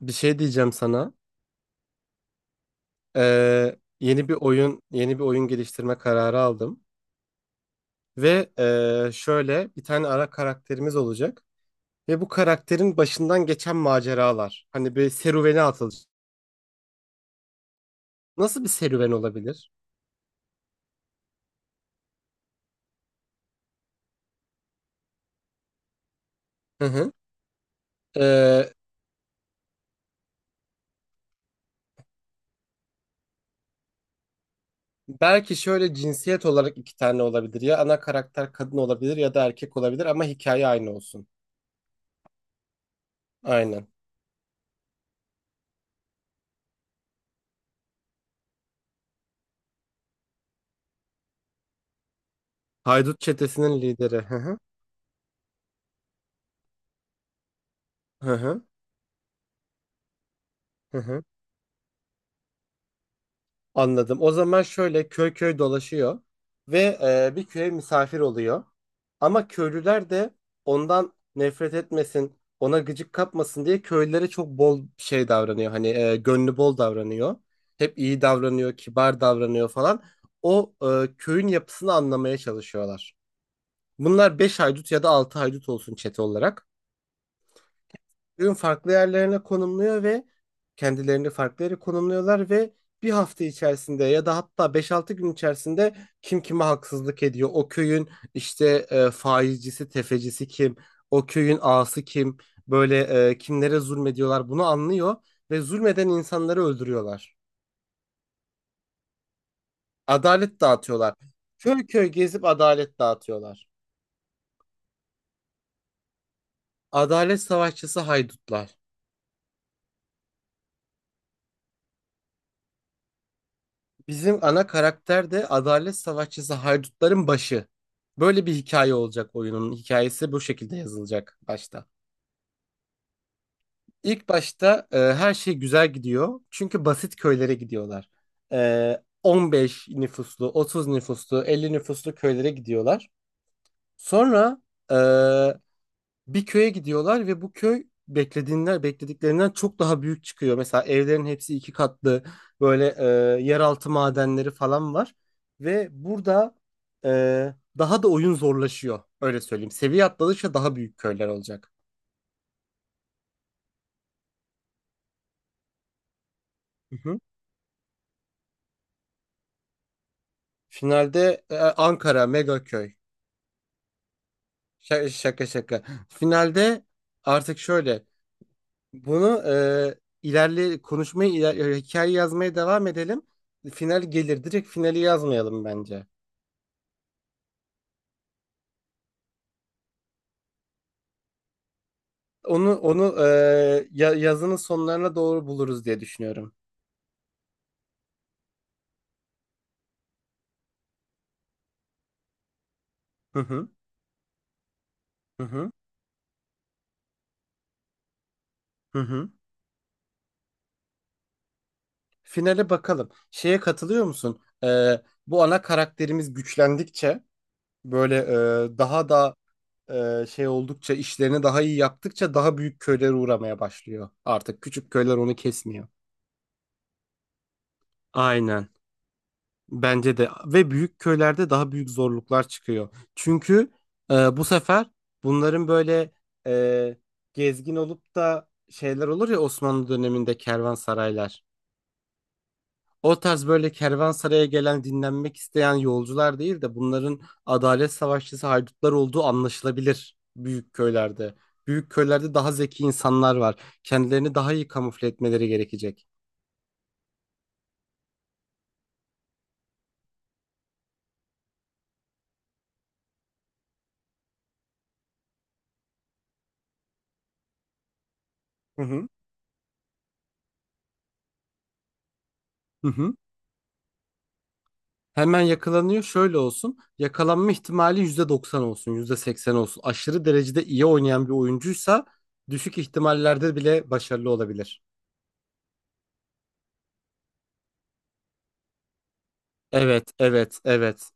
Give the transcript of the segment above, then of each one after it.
Bir şey diyeceğim sana. Yeni bir oyun geliştirme kararı aldım. Ve şöyle bir tane ara karakterimiz olacak. Ve bu karakterin başından geçen maceralar. Hani bir serüvene atılacak. Nasıl bir serüven olabilir? Hı hı. Ee, belki şöyle cinsiyet olarak iki tane olabilir. Ya ana karakter kadın olabilir ya da erkek olabilir ama hikaye aynı olsun. Aynen. Haydut çetesinin lideri. Hı hı. Hı hı. Hı hı. Anladım. O zaman şöyle köy köy dolaşıyor ve bir köye misafir oluyor. Ama köylüler de ondan nefret etmesin, ona gıcık kapmasın diye köylülere çok bol şey davranıyor. Hani gönlü bol davranıyor. Hep iyi davranıyor, kibar davranıyor falan. O köyün yapısını anlamaya çalışıyorlar. Bunlar 5 haydut ya da 6 haydut olsun çete olarak ürün farklı yerlerine konumluyor ve kendilerini farklı yere konumluyorlar ve bir hafta içerisinde ya da hatta beş altı gün içerisinde kim kime haksızlık ediyor? O köyün işte faizcisi, tefecisi kim? O köyün ağası kim? Böyle kimlere zulmediyorlar bunu anlıyor ve zulmeden insanları öldürüyorlar. Adalet dağıtıyorlar. Köy köy gezip adalet dağıtıyorlar. Adalet savaşçısı haydutlar. Bizim ana karakter de adalet savaşçısı haydutların başı. Böyle bir hikaye olacak oyunun. Hikayesi bu şekilde yazılacak başta. İlk başta her şey güzel gidiyor. Çünkü basit köylere gidiyorlar. 15 nüfuslu, 30 nüfuslu, 50 nüfuslu köylere gidiyorlar. Sonra e, bir köye gidiyorlar ve bu köy beklediklerinden çok daha büyük çıkıyor. Mesela evlerin hepsi iki katlı böyle yeraltı madenleri falan var ve burada daha da oyun zorlaşıyor öyle söyleyeyim. Seviye atladıkça daha büyük köyler olacak. Hı hı. Finalde Ankara mega köy. Şaka şaka. Şaka. Finalde artık şöyle bunu ilerle konuşmayı hikaye yazmaya devam edelim. Final gelir. Direkt finali yazmayalım bence. Onu yazının sonlarına doğru buluruz diye düşünüyorum. Hı hı. Hı hı. Hı hı. Finale bakalım. Şeye katılıyor musun? Bu ana karakterimiz güçlendikçe böyle daha da şey oldukça işlerini daha iyi yaptıkça daha büyük köylere uğramaya başlıyor. Artık küçük köyler onu kesmiyor. Aynen. Bence de ve büyük köylerde daha büyük zorluklar çıkıyor. Çünkü bu sefer bunların böyle e, gezgin olup da şeyler olur ya Osmanlı döneminde kervansaraylar. O tarz böyle kervansaraya gelen dinlenmek isteyen yolcular değil de bunların adalet savaşçısı haydutlar olduğu anlaşılabilir büyük köylerde. Büyük köylerde daha zeki insanlar var. Kendilerini daha iyi kamufle etmeleri gerekecek. Hı hı. Hı hı. Hemen yakalanıyor. Şöyle olsun. Yakalanma ihtimali %90 olsun, %80 olsun. Aşırı derecede iyi oynayan bir oyuncuysa düşük ihtimallerde bile başarılı olabilir. Evet, evet, evet.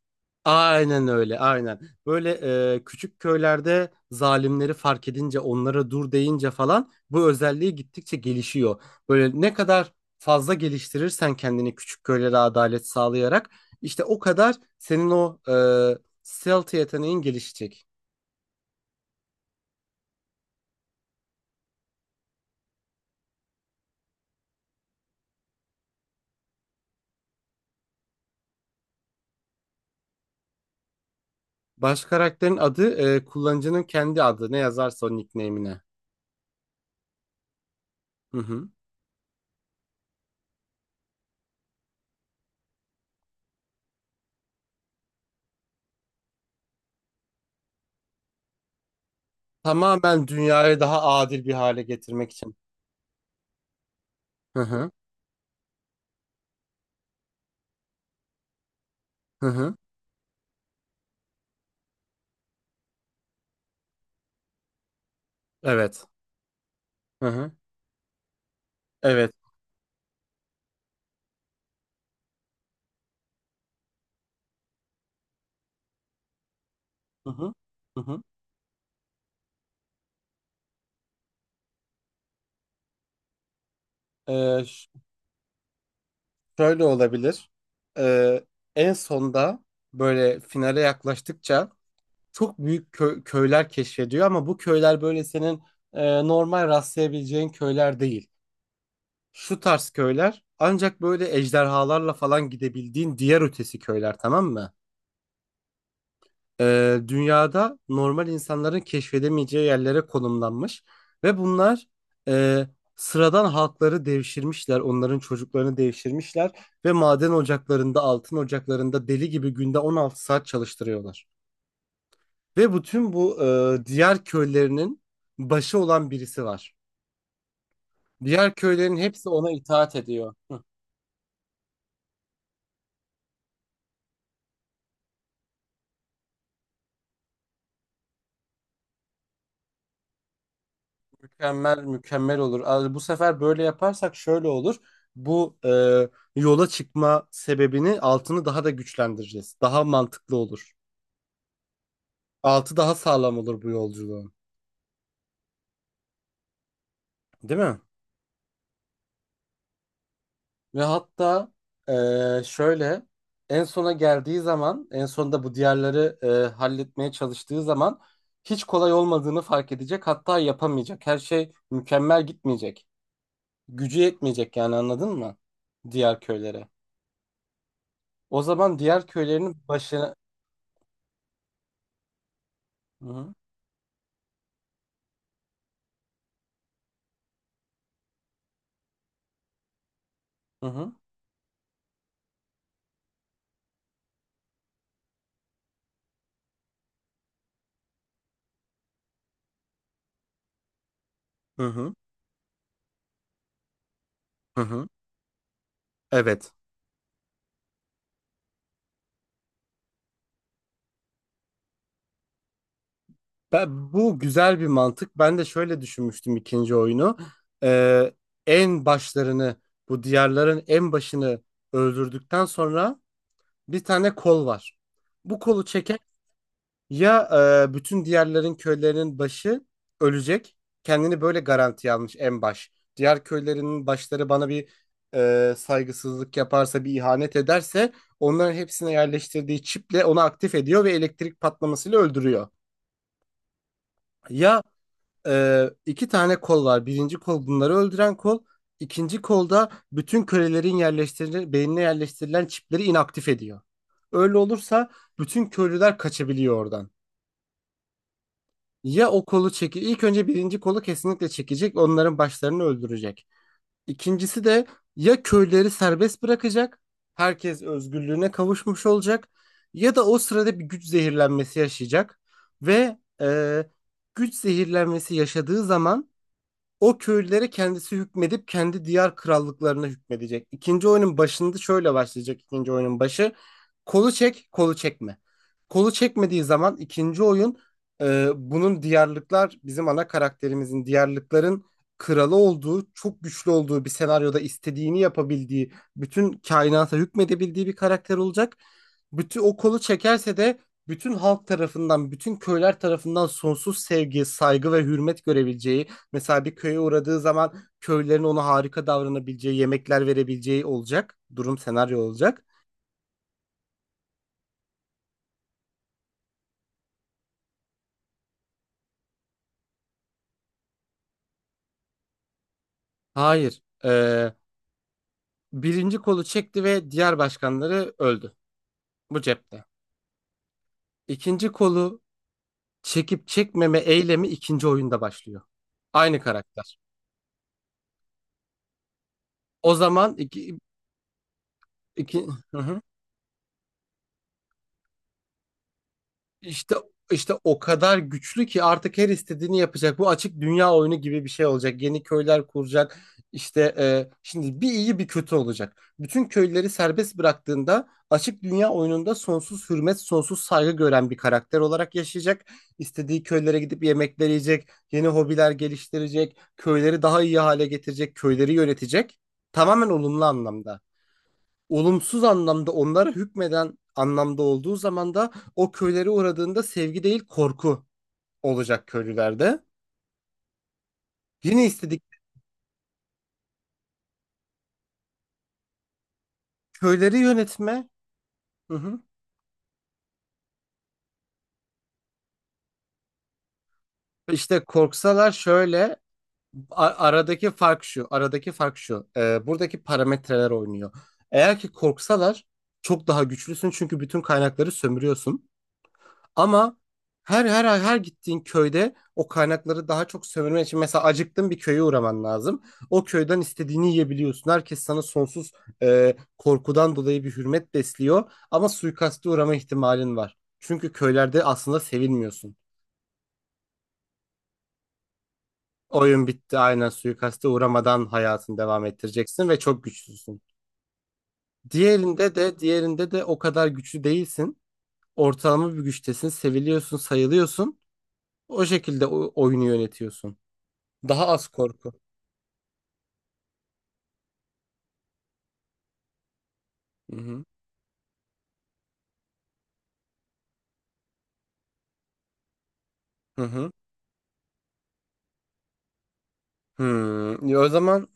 Aynen öyle, aynen. Böyle küçük köylerde zalimleri fark edince, onlara dur deyince falan bu özelliği gittikçe gelişiyor. Böyle ne kadar fazla geliştirirsen kendini küçük köylere adalet sağlayarak işte o kadar senin o e, stealth yeteneğin gelişecek. Baş karakterin adı kullanıcının kendi adı. Ne yazarsa o nickname'ine. Hı hı. Tamamen dünyayı daha adil bir hale getirmek için. Hı hı. Hı hı. Evet. Hı hı. Evet. Hı hı. Hı hı. E, ş- şöyle olabilir. E, en sonda böyle finale yaklaştıkça çok büyük köyler keşfediyor ama bu köyler böyle senin normal rastlayabileceğin köyler değil. Şu tarz köyler ancak böyle ejderhalarla falan gidebildiğin diğer ötesi köyler tamam mı? Dünyada normal insanların keşfedemeyeceği yerlere konumlanmış ve bunlar e, sıradan halkları devşirmişler, onların çocuklarını devşirmişler ve maden ocaklarında, altın ocaklarında deli gibi günde 16 saat çalıştırıyorlar. Ve bütün bu diğer köylerinin başı olan birisi var. Diğer köylerin hepsi ona itaat ediyor. Mükemmel olur. Abi, bu sefer böyle yaparsak şöyle olur. Bu yola çıkma sebebini altını daha da güçlendireceğiz. Daha mantıklı olur. Altı daha sağlam olur bu yolculuğun. Değil mi? Ve hatta şöyle en sona geldiği zaman en sonunda bu diğerleri halletmeye çalıştığı zaman hiç kolay olmadığını fark edecek. Hatta yapamayacak. Her şey mükemmel gitmeyecek. Gücü yetmeyecek yani anladın mı? Diğer köylere. O zaman diğer köylerin başına... Hı hı. Hı hı. Hı hı. Hı hı. Evet. Bu güzel bir mantık. Ben de şöyle düşünmüştüm ikinci oyunu. Ee, en başlarını, bu diyarların en başını öldürdükten sonra bir tane kol var. Bu kolu çeker. Ya bütün diğerlerin köylerinin başı ölecek. Kendini böyle garantiye almış en baş. Diğer köylerinin başları bana bir saygısızlık yaparsa, bir ihanet ederse onların hepsine yerleştirdiği çiple onu aktif ediyor ve elektrik patlamasıyla öldürüyor. Ya iki tane kol var. Birinci kol bunları öldüren kol. İkinci kolda bütün kölelerin yerleştirilen, beynine yerleştirilen çipleri inaktif ediyor. Öyle olursa bütün köylüler kaçabiliyor oradan. Ya o kolu çeki ilk önce birinci kolu kesinlikle çekecek, onların başlarını öldürecek. İkincisi de ya köyleri serbest bırakacak, herkes özgürlüğüne kavuşmuş olacak ya da o sırada bir güç zehirlenmesi yaşayacak ve güç zehirlenmesi yaşadığı zaman o köylülere kendisi hükmedip kendi diyar krallıklarına hükmedecek. İkinci oyunun başında şöyle başlayacak ikinci oyunun başı. Kolu çek, kolu çekme. Kolu çekmediği zaman ikinci oyun bunun diyarlıklar bizim ana karakterimizin diyarlıkların kralı olduğu, çok güçlü olduğu bir senaryoda istediğini yapabildiği, bütün kainata hükmedebildiği bir karakter olacak. Bütün o kolu çekerse de bütün halk tarafından, bütün köyler tarafından sonsuz sevgi, saygı ve hürmet görebileceği. Mesela bir köye uğradığı zaman köylülerin ona harika davranabileceği, yemekler verebileceği olacak. Durum senaryo olacak. Hayır. Birinci kolu çekti ve diğer başkanları öldü. Bu cepte. İkinci kolu çekip çekmeme eylemi ikinci oyunda başlıyor. Aynı karakter. O zaman iki, İşte işte o kadar güçlü ki artık her istediğini yapacak. Bu açık dünya oyunu gibi bir şey olacak. Yeni köyler kuracak. İşte şimdi bir iyi bir kötü olacak. Bütün köyleri serbest bıraktığında açık dünya oyununda sonsuz hürmet, sonsuz saygı gören bir karakter olarak yaşayacak. İstediği köylere gidip yemekler yiyecek, yeni hobiler geliştirecek, köyleri daha iyi hale getirecek, köyleri yönetecek. Tamamen olumlu anlamda olumsuz anlamda onlara hükmeden anlamda olduğu zaman da o köylere uğradığında sevgi değil korku olacak köylülerde. Yine istedik köyleri yönetme. Hı hı. İşte korksalar şöyle. Aradaki fark şu. Buradaki parametreler oynuyor. Eğer ki korksalar çok daha güçlüsün çünkü bütün kaynakları sömürüyorsun. Ama her gittiğin köyde o kaynakları daha çok sömürmen için mesela acıktın bir köye uğraman lazım. O köyden istediğini yiyebiliyorsun. Herkes sana sonsuz korkudan dolayı bir hürmet besliyor ama suikaste uğrama ihtimalin var. Çünkü köylerde aslında sevilmiyorsun. Oyun bitti. Aynen, suikaste uğramadan hayatını devam ettireceksin ve çok güçlüsün. Diğerinde de o kadar güçlü değilsin. Ortalama bir güçtesin, seviliyorsun, sayılıyorsun. O şekilde oyunu yönetiyorsun. Daha az korku. Hı hı. Hı hı. Hmm. Ya, o zaman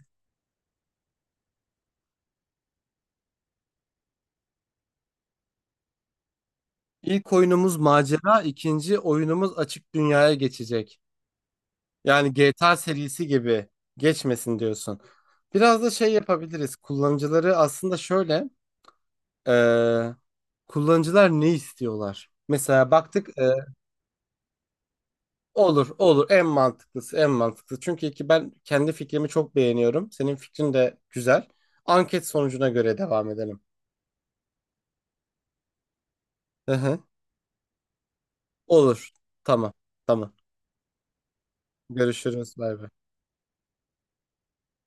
ilk oyunumuz macera, ikinci oyunumuz açık dünyaya geçecek. Yani GTA serisi gibi geçmesin diyorsun. Biraz da şey yapabiliriz. Kullanıcıları aslında şöyle, eee, kullanıcılar ne istiyorlar? Mesela baktık, olur, olur, en mantıklısı, en mantıklısı. Çünkü ki ben kendi fikrimi çok beğeniyorum. Senin fikrin de güzel. Anket sonucuna göre devam edelim. Hı hı. Olur, tamam, tamam. Görüşürüz. Bay bay.